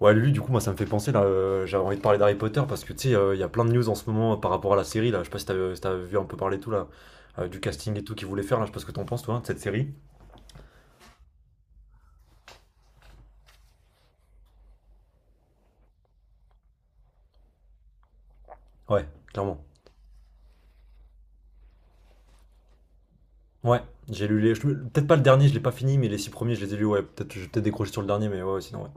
Ouais, lui, du coup, moi, ça me fait penser, là, j'avais envie de parler d'Harry Potter parce que, tu sais, il y a plein de news en ce moment, par rapport à la série, là. Je sais pas si t'as vu un peu parler et tout, là, du casting et tout qu'ils voulaient faire, là. Je sais pas ce que t'en penses, toi, hein, de cette série. Ouais, clairement. Ouais, j'ai lu les. Je- peut-être pas le dernier, je l'ai pas fini, mais les six premiers, je les ai lus, ouais. Peut-être, j'ai peut-être décroché sur le dernier, mais ouais, ouais, sinon, ouais.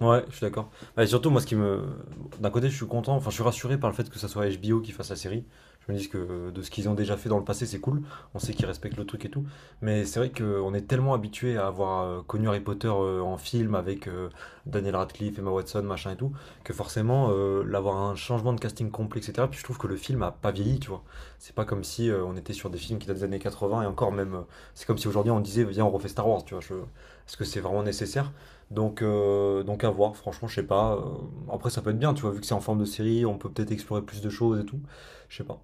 Ouais, je suis d'accord. Bah, surtout, moi, ce qui me. D'un côté, je suis content, enfin, je suis rassuré par le fait que ça soit HBO qui fasse la série. Je me dis que de ce qu'ils ont déjà fait dans le passé, c'est cool. On sait qu'ils respectent le truc et tout. Mais c'est vrai qu'on est tellement habitué à avoir connu Harry Potter en film avec Daniel Radcliffe, Emma Watson, machin et tout, que forcément, l'avoir un changement de casting complet, etc. Puis je trouve que le film a pas vieilli, tu vois. C'est pas comme si on était sur des films qui datent des années 80 et encore même, c'est comme si aujourd'hui on disait, viens, on refait Star Wars, tu vois. Est-ce que c'est vraiment nécessaire? Donc, à voir, franchement, je sais pas. Après, ça peut être bien, tu vois, vu que c'est en forme de série, on peut peut-être explorer plus de choses et tout. Je sais pas.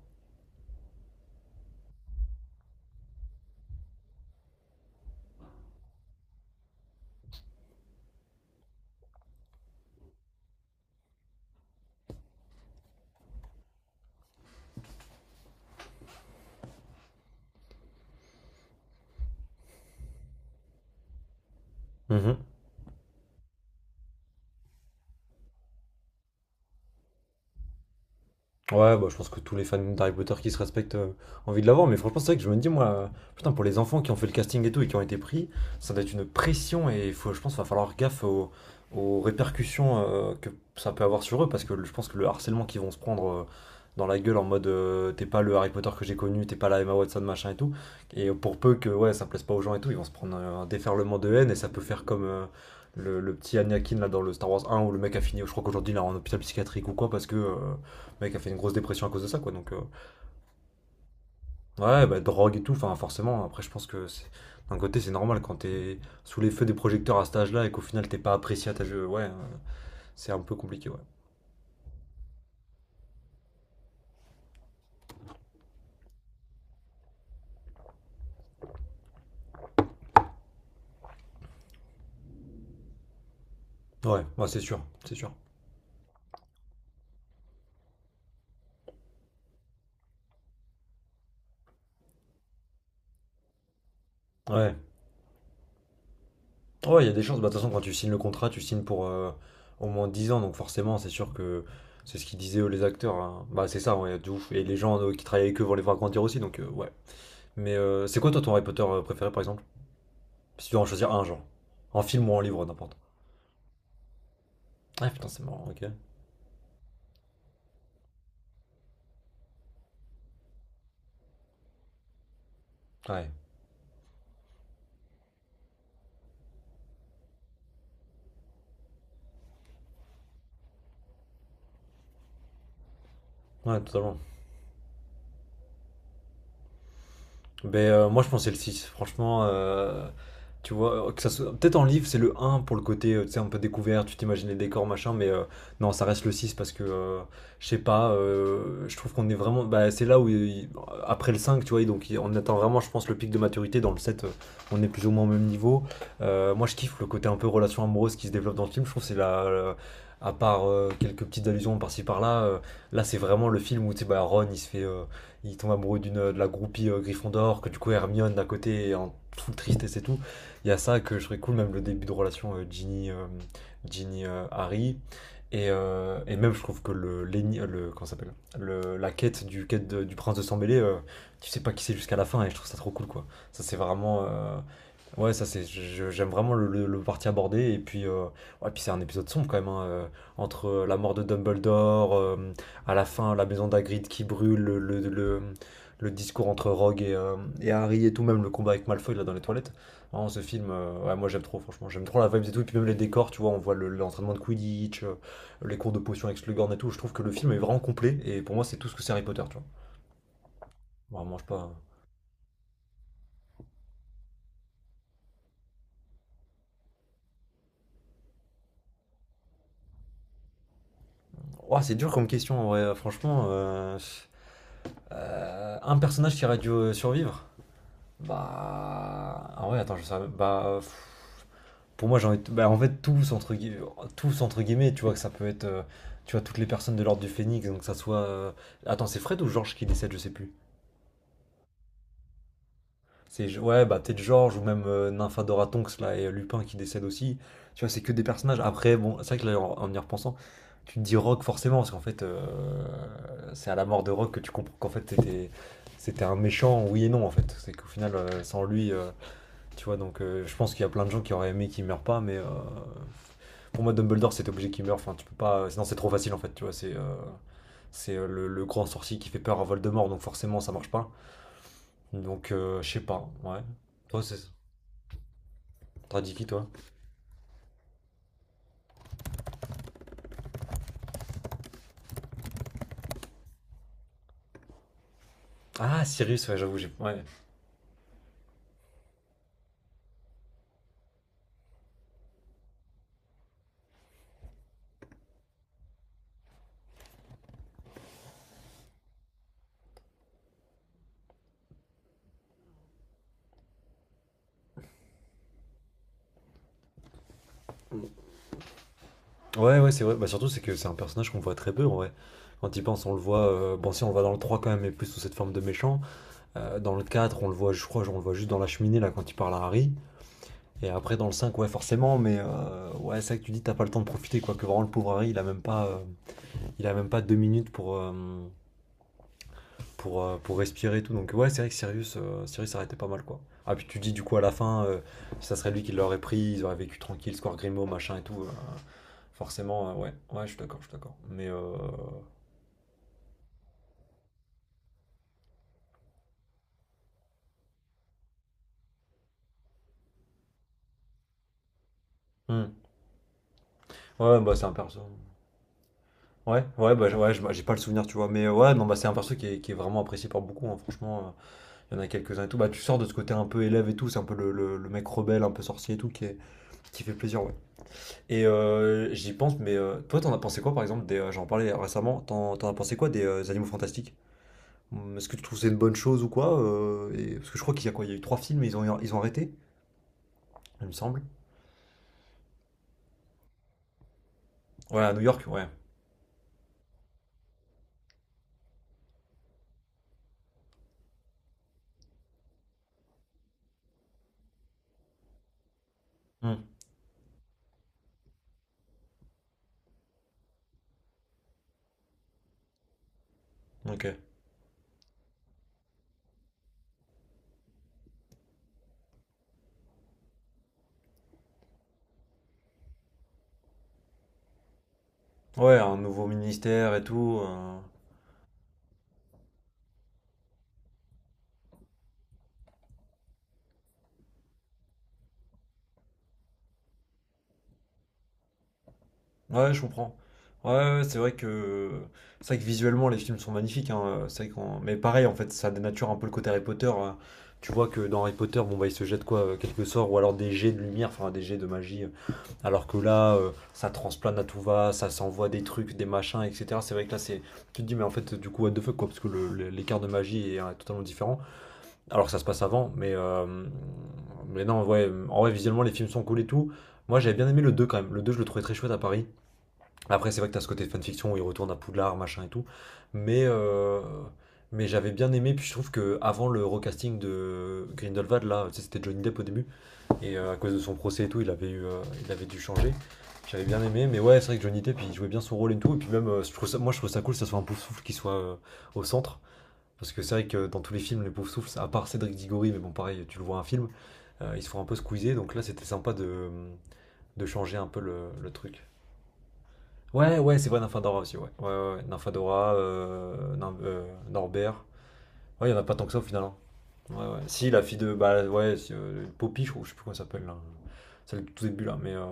Ouais, bah, je pense que tous les fans d'Harry Potter qui se respectent ont envie de l'avoir, mais franchement, c'est vrai que je me dis, moi, putain, pour les enfants qui ont fait le casting et tout et qui ont été pris, ça doit être une pression et faut, je pense qu'il va falloir gaffe aux répercussions, que ça peut avoir sur eux parce que je pense que le harcèlement qu'ils vont se prendre dans la gueule en mode t'es pas le Harry Potter que j'ai connu, t'es pas la Emma Watson, machin et tout, et pour peu que ouais, ça plaise pas aux gens et tout, ils vont se prendre un déferlement de haine et ça peut faire comme. Le petit Anakin là dans le Star Wars 1 où le mec a fini, je crois qu'aujourd'hui il est en hôpital psychiatrique ou quoi parce que mec a fait une grosse dépression à cause de ça, quoi. Donc, ouais, bah, drogue et tout, enfin, forcément. Après, je pense que d'un côté, c'est normal quand t'es sous les feux des projecteurs à cet âge-là et qu'au final, t'es pas apprécié à ta jeu. Ouais, c'est un peu compliqué, ouais. Ouais, ouais, c'est sûr, c'est sûr. Ouais. Ouais, il y a des chances. Bah, de toute façon, quand tu signes le contrat, tu signes pour au moins 10 ans, donc forcément, c'est sûr que c'est ce qu'ils disaient eux, les acteurs, hein. Bah, c'est ça, ouais, de ouf. Et les gens qui travaillent avec eux vont les voir grandir aussi, donc, ouais. Mais c'est quoi, toi, ton Harry Potter préféré, par exemple? Si tu dois en choisir un, genre. En film ou en livre, n'importe. Ah, putain, c'est marrant, ok. Ouais, ouais, totalement. Ben, moi, je pensais le six. Franchement, tu vois, peut-être en livre, c'est le un pour le côté, tu sais, un peu découvert, tu t'imagines les décors, machin, mais non, ça reste le 6 parce que, je sais pas, je trouve qu'on est vraiment. Bah, c'est là où, après le cinq, tu vois, donc on attend vraiment, je pense, le pic de maturité. Dans le 7 on est plus ou moins au même niveau. Moi, je kiffe le côté un peu relation amoureuse qui se développe dans le film. Je trouve que c'est à part quelques petites allusions par-ci par-là, là c'est vraiment le film où tu sais, bah, Ron il se fait il tombe amoureux d'une de la groupie Gryffondor, que du coup Hermione d'à côté est en full tristesse et tout. Il y a ça que je trouve cool, même le début de relation Ginny, Harry. Et, même je trouve que le comment ça s'appelle la quête du prince de sang mêlé, tu sais pas qui c'est jusqu'à la fin et je trouve ça trop cool quoi. Ça c'est vraiment ouais, j'aime vraiment le parti abordé et puis ouais puis c'est un épisode sombre quand même, hein, entre la mort de Dumbledore à la fin, la maison d'Agrid qui brûle, le discours entre Rogue et Harry et tout, même le combat avec Malfoy là dans les toilettes. Vraiment, ce film, ouais, moi j'aime trop, franchement, j'aime trop la vibe et tout, et puis même les décors, tu vois, on voit l'entraînement de Quidditch, les cours de potion avec Slughorn et tout, je trouve que le film est vraiment complet, et pour moi c'est tout ce que c'est Harry Potter, tu vois. Vraiment, je sais pas. Ouah, c'est dur comme question, en vrai. Franchement. Un personnage qui aurait dû survivre. Bah. Ah ouais, attends, je sais. Bah. Pff, pour moi, bah, en fait, tous, entre guillemets, tu vois, que ça peut être, tu vois, toutes les personnes de l'ordre du Phénix, attends, c'est Fred ou Georges qui décède, je sais plus. C'est, ouais, bah peut-être Georges ou même Nymphadora Tonks, là, et Lupin qui décède aussi. Tu vois, c'est que des personnages. Après, bon, c'est vrai que là, en y repensant, tu te dis Rock forcément, parce qu'en fait, c'est à la mort de Rock que tu comprends qu'en fait, c'était un méchant, oui et non en fait. C'est qu'au final, sans lui, tu vois, donc je pense qu'il y a plein de gens qui auraient aimé qu'il meure pas, mais pour moi, Dumbledore, c'est obligé qu'il meure. Enfin, tu peux pas. Sinon, c'est trop facile en fait. Tu vois, c'est le grand sorcier qui fait peur à Voldemort, donc forcément, ça marche pas. Donc, je sais pas. Ouais. Toi, c'est ça. T'as dit qui toi? Ah, Sirius, ouais, j'avoue, j'ai. Ouais, ouais, ouais, c'est vrai. Bah, surtout, c'est que c'est un personnage qu'on voit très peu en vrai. Quand il pense, on le voit. Bon, si on le voit dans le 3, quand même, mais plus sous cette forme de méchant. Dans le 4, on le voit, je crois, on le voit juste dans la cheminée là quand il parle à Harry. Et après, dans le 5, ouais, forcément, mais ouais, c'est ça que tu dis, t'as pas le temps de profiter quoi. Que vraiment, le pauvre Harry, il a même pas. Il a même pas 2 minutes pour, pour respirer et tout. Donc ouais, c'est vrai que Sirius arrêtait pas mal quoi. Ah puis tu dis du coup à la fin, ça serait lui qui l'aurait pris, ils auraient vécu tranquille, score Grimaud, machin et tout. Forcément, ouais, ouais, je suis d'accord, je suis d'accord. Hmm. Ouais, bah c'est un perso. Ouais, ouais, bah ouais, j'ai pas le souvenir, tu vois. Mais ouais, non, bah c'est un perso qui est vraiment apprécié par beaucoup, hein, franchement. Il y en a quelques-uns et tout. Bah tu sors de ce côté un peu élève et tout, c'est un peu le mec rebelle, un peu sorcier et tout, qui fait plaisir, ouais. Et j'y pense, mais toi, t'en as pensé quoi, par exemple, j'en parlais récemment, t'en as pensé quoi des Animaux Fantastiques? Est-ce que tu trouves que c'est une bonne chose ou quoi? Parce que je crois qu'il y a quoi? Il y a eu trois films et ils ont arrêté, il me semble. Ouais, à New York, ouais. Hum, ok. Ouais, un nouveau ministère et tout. Ouais, je comprends. Ouais, ouais, ouais, c'est vrai que visuellement les films sont magnifiques, hein, c'est vrai mais pareil en fait, ça dénature un peu le côté Harry Potter, hein. Tu vois que dans Harry Potter, bon bah il se jette quoi quelques sorts ou alors des jets de lumière, enfin des jets de magie, alors que là ça transplane à tout va, ça s'envoie des trucs, des machins etc. C'est vrai que là c'est tu te dis mais en fait du coup what the fuck quoi parce que l'écart de magie est totalement différent alors que ça se passe avant, mais mais non, ouais, en vrai visuellement les films sont cool et tout. Moi, j'avais bien aimé le 2 quand même. Le 2 je le trouvais très chouette à Paris. Après, c'est vrai que t'as ce côté de fanfiction où il retourne à Poudlard, machin et tout. Mais, euh, mais, j'avais bien aimé. Puis je trouve que avant le recasting de Grindelwald, là, tu sais, c'était Johnny Depp au début. Et à cause de son procès et tout, il avait dû changer. J'avais bien aimé. Mais ouais, c'est vrai que Johnny Depp, il jouait bien son rôle et tout. Et puis même, moi, je trouve ça cool que ça soit un Poufsouffle qui soit au centre. Parce que c'est vrai que dans tous les films, les Poufsouffles à part Cédric Diggory, mais bon, pareil, tu le vois un film, ils se font un peu squeezer. Donc là, c'était sympa de changer un peu le truc. Ouais, ouais, c'est vrai, Nymphadora aussi, ouais. Ouais, ouais, ouais. Nymphadora, Norbert. Ouais, il n'y en a pas tant que ça au final, hein. Ouais, ouais. Si, la fille de. Bah, ouais, si, Poppy, je crois, je sais plus comment elle s'appelle là. Celle du tout début là,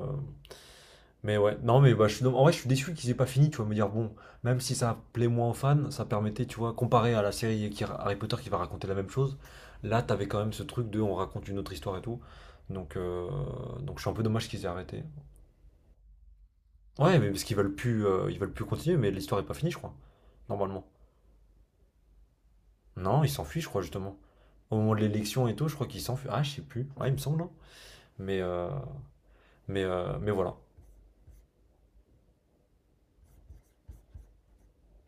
mais ouais, non, mais bah, en vrai, je suis déçu qu'ils aient pas fini, tu vois. Me dire, bon, même si ça plaît moins aux fans, ça permettait, tu vois, comparé à la série. Harry Potter qui va raconter la même chose, là, t'avais quand même ce truc de on raconte une autre histoire et tout. Donc, euh, Donc, je suis un peu dommage qu'ils aient arrêté. Ouais, mais parce qu'ils veulent plus continuer, mais l'histoire est pas finie, je crois. Normalement. Non, ils s'enfuient, je crois, justement. Au moment de l'élection et tout, je crois qu'ils s'enfuient. Ah, je sais plus. Ouais, il me semble, non. Mais, euh, mais voilà.